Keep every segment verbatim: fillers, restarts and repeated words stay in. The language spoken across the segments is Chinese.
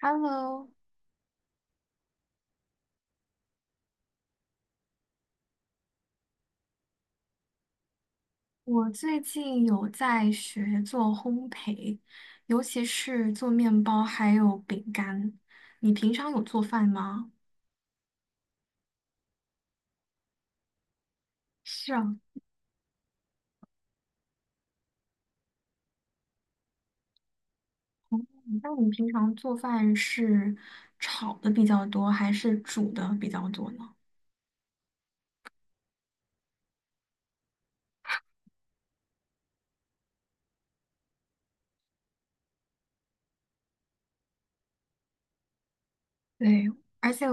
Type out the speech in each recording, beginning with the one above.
Hello，我最近有在学做烘焙，尤其是做面包还有饼干。你平常有做饭吗？是啊，那你平常做饭是炒的比较多，还是煮的比较多呢？对，而且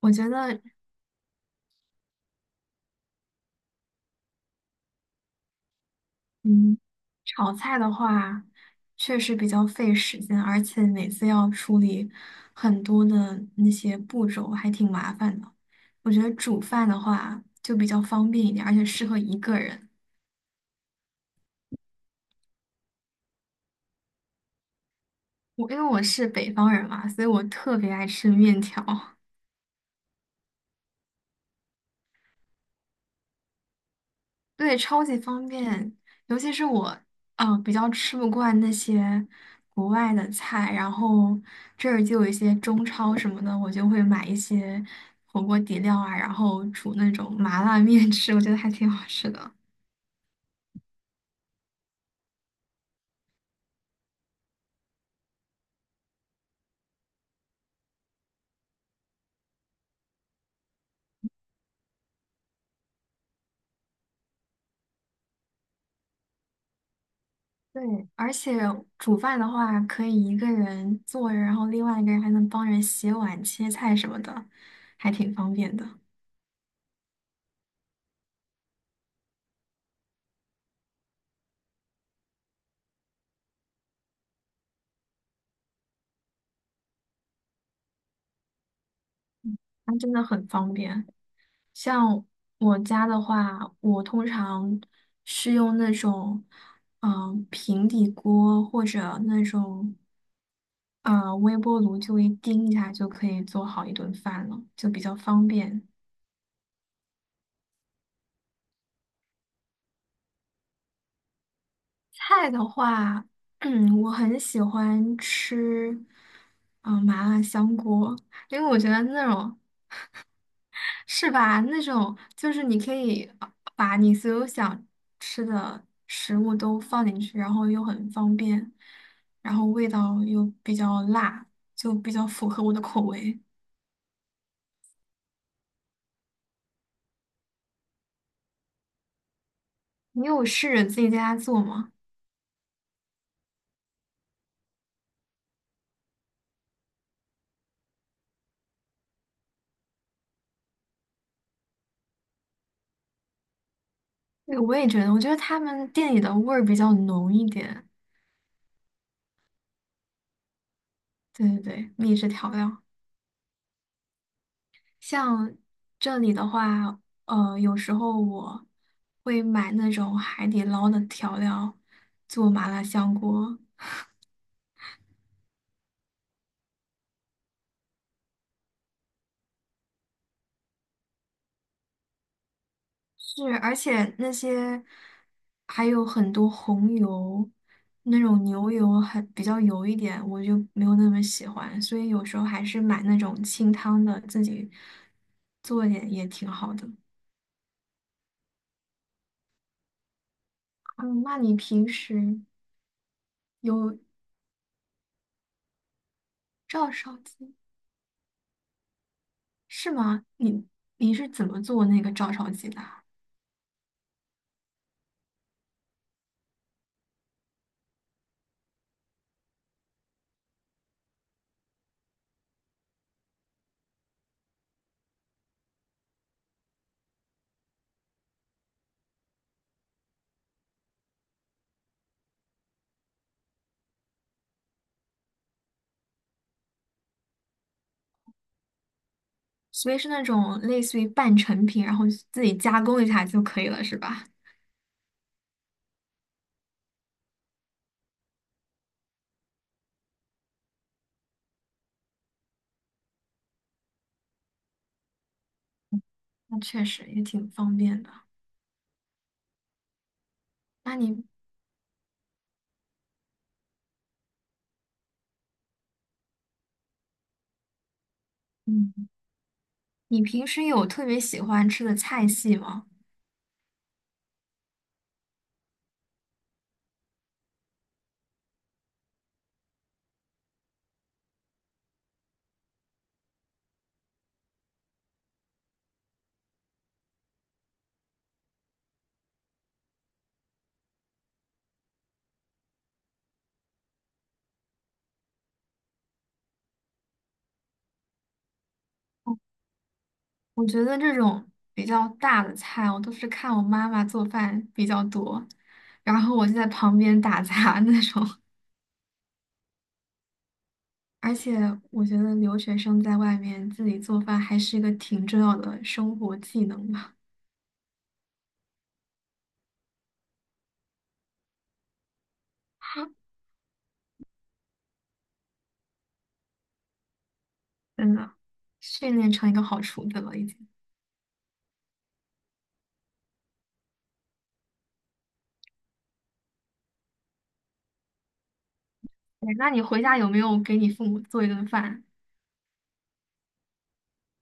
我觉得嗯，炒菜的话，确实比较费时间，而且每次要处理很多的那些步骤，还挺麻烦的。我觉得煮饭的话就比较方便一点，而且适合一个人。我因为我是北方人嘛，所以我特别爱吃面条。对，超级方便，尤其是我，嗯、比较吃不惯那些国外的菜，然后这儿就有一些中超什么的，我就会买一些火锅底料啊，然后煮那种麻辣面吃，我觉得还挺好吃的。对，而且煮饭的话，可以一个人做着，然后另外一个人还能帮人洗碗、切菜什么的，还挺方便的。它真的很方便。像我家的话，我通常是用那种，嗯、平底锅或者那种，呃，微波炉，就一叮一下就可以做好一顿饭了，就比较方便。菜的话，嗯，我很喜欢吃，嗯、麻辣香锅，因为我觉得那种是吧？那种就是你可以呃把你所有想吃的食物都放进去，然后又很方便，然后味道又比较辣，就比较符合我的口味。你有试着自己在家做吗？对，我也觉得，我觉得他们店里的味儿比较浓一点。对对对，秘制调料。像这里的话，呃，有时候我会买那种海底捞的调料做麻辣香锅。是，而且那些还有很多红油，那种牛油很比较油一点，我就没有那么喜欢，所以有时候还是买那种清汤的，自己做一点也挺好的。嗯，那你平时有照烧鸡是吗？你你是怎么做那个照烧鸡的啊？所以是那种类似于半成品，然后自己加工一下就可以了，是吧？那确实也挺方便的。那你。嗯。你平时有特别喜欢吃的菜系吗？哦，我觉得这种比较大的菜，我都是看我妈妈做饭比较多，然后我就在旁边打杂 那种。而且我觉得留学生在外面自己做饭还是一个挺重要的生活技能吧。真的，训练成一个好厨子了已经。对，那你回家有没有给你父母做一顿饭？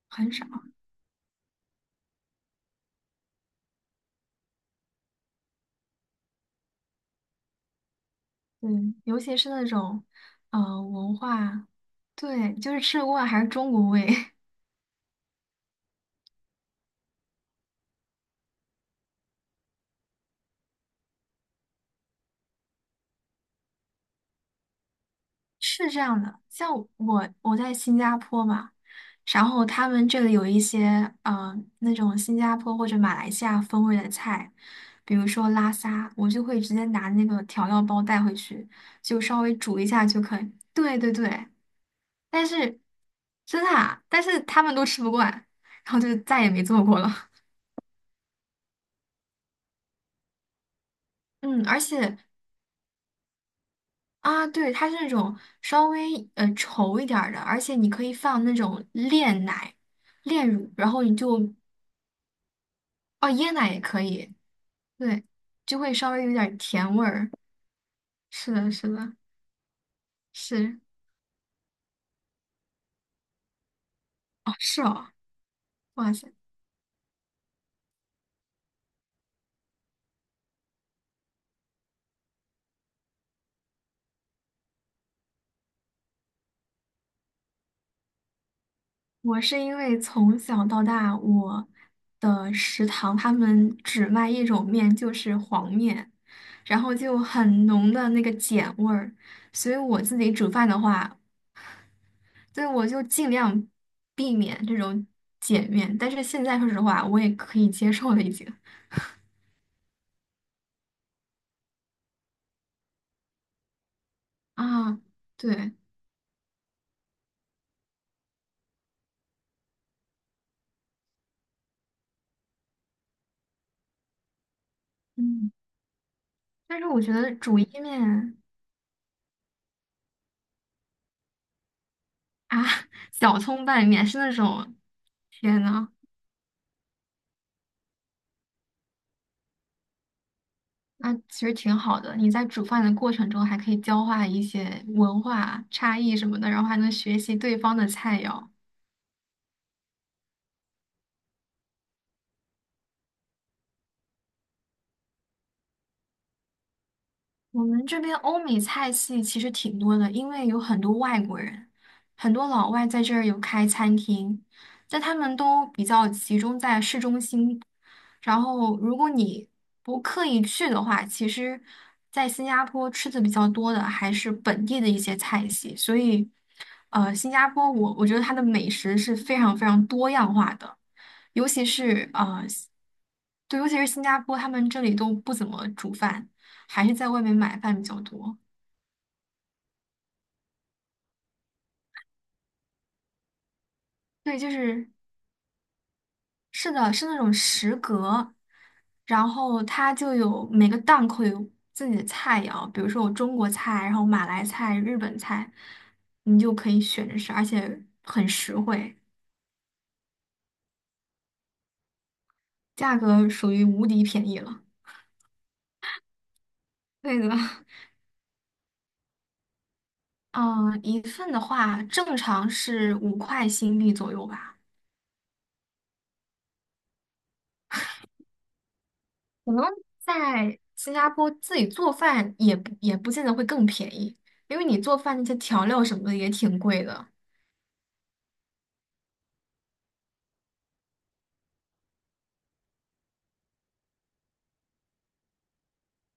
很少，对，尤其是那种，呃，文化，对，就是吃的锅碗还是中国味。是这样的，像我我在新加坡嘛，然后他们这里有一些嗯、呃那种新加坡或者马来西亚风味的菜，比如说拉沙，我就会直接拿那个调料包带回去，就稍微煮一下就可以。对对对，但是真的啊，但是他们都吃不惯，然后就再也没做过了。嗯，而且啊，对，它是那种稍微呃稠一点儿的，而且你可以放那种炼奶、炼乳，然后你就哦，椰奶也可以，对，就会稍微有点儿甜味儿。是的，是的，是，哦，是哦，哇塞，我是因为从小到大，我的食堂他们只卖一种面，就是黄面，然后就很浓的那个碱味儿，所以我自己煮饭的话，对，我就尽量避免这种碱面。但是现在说实话，我也可以接受了，已经。 啊，对，嗯，但是我觉得煮意面。啊，小葱拌面是那种，天呐，那其实挺好的。你在煮饭的过程中还可以交换一些文化差异什么的，然后还能学习对方的菜肴。我们这边欧美菜系其实挺多的，因为有很多外国人，很多老外在这儿有开餐厅，但他们都比较集中在市中心。然后，如果你不刻意去的话，其实，在新加坡吃的比较多的还是本地的一些菜系。所以，呃，新加坡我我觉得它的美食是非常非常多样化的，尤其是呃，对，尤其是新加坡，他们这里都不怎么煮饭。还是在外面买饭比较多。对，就是是的，是那种食阁，然后它就有每个档口有自己的菜肴，比如说有中国菜，然后马来菜、日本菜，你就可以选着吃，而且很实惠，价格属于无敌便宜了。对的。嗯，一份的话正常是五块新币左右吧。可能在新加坡自己做饭也不也不见得会更便宜，因为你做饭那些调料什么的也挺贵的。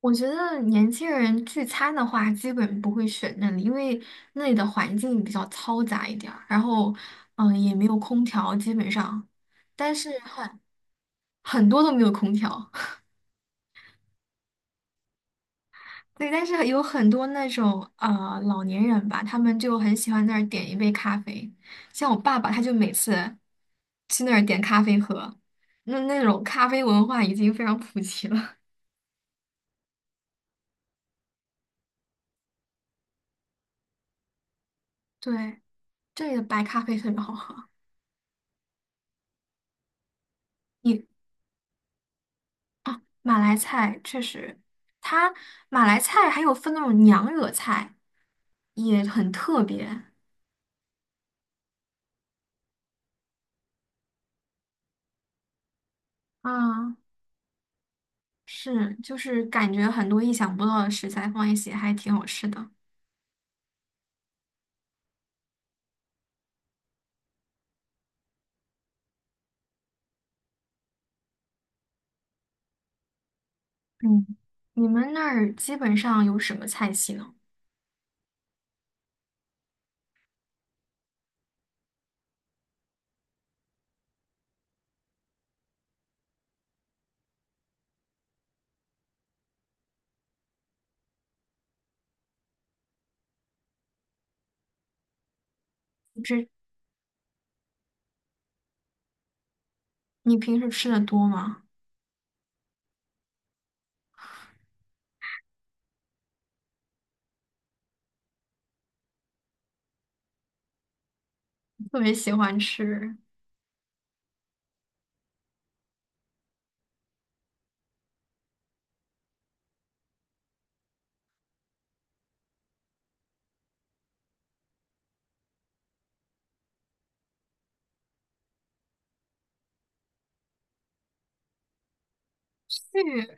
我觉得年轻人聚餐的话，基本不会选那里，因为那里的环境比较嘈杂一点儿，然后嗯、呃也没有空调，基本上，但是很很多都没有空调。对，但是有很多那种呃老年人吧，他们就很喜欢那儿点一杯咖啡。像我爸爸，他就每次去那儿点咖啡喝，那那种咖啡文化已经非常普及了。对，这里的白咖啡特别好喝。你马来菜确实，它马来菜还有分那种娘惹菜，也很特别啊。是，就是感觉很多意想不到的食材放一起，还挺好吃的。嗯，你们那儿基本上有什么菜系呢？就是你平时吃的多吗？特别喜欢吃。去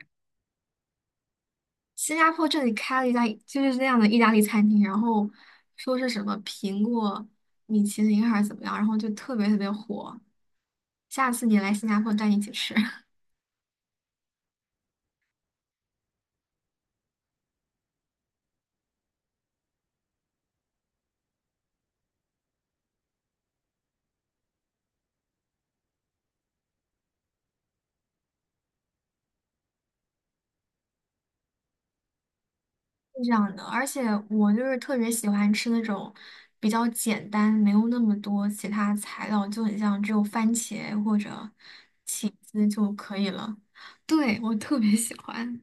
新加坡这里开了一家就是那样的意大利餐厅，然后说是什么苹果米其林还是怎么样，然后就特别特别火。下次你来新加坡，带你一起吃。是这样的，而且我就是特别喜欢吃那种比较简单，没有那么多其他材料，就很像只有番茄或者起司就可以了。对，我特别喜欢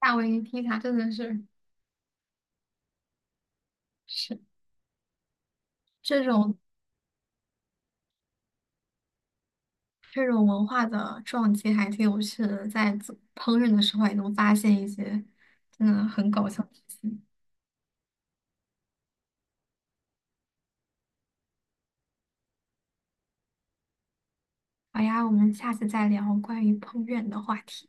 夏威夷披萨，真的是是这种这种文化的撞击还挺有趣的，在做烹饪的时候也能发现一些真的很搞笑的事情。好呀，我们下次再聊关于烹饪的话题。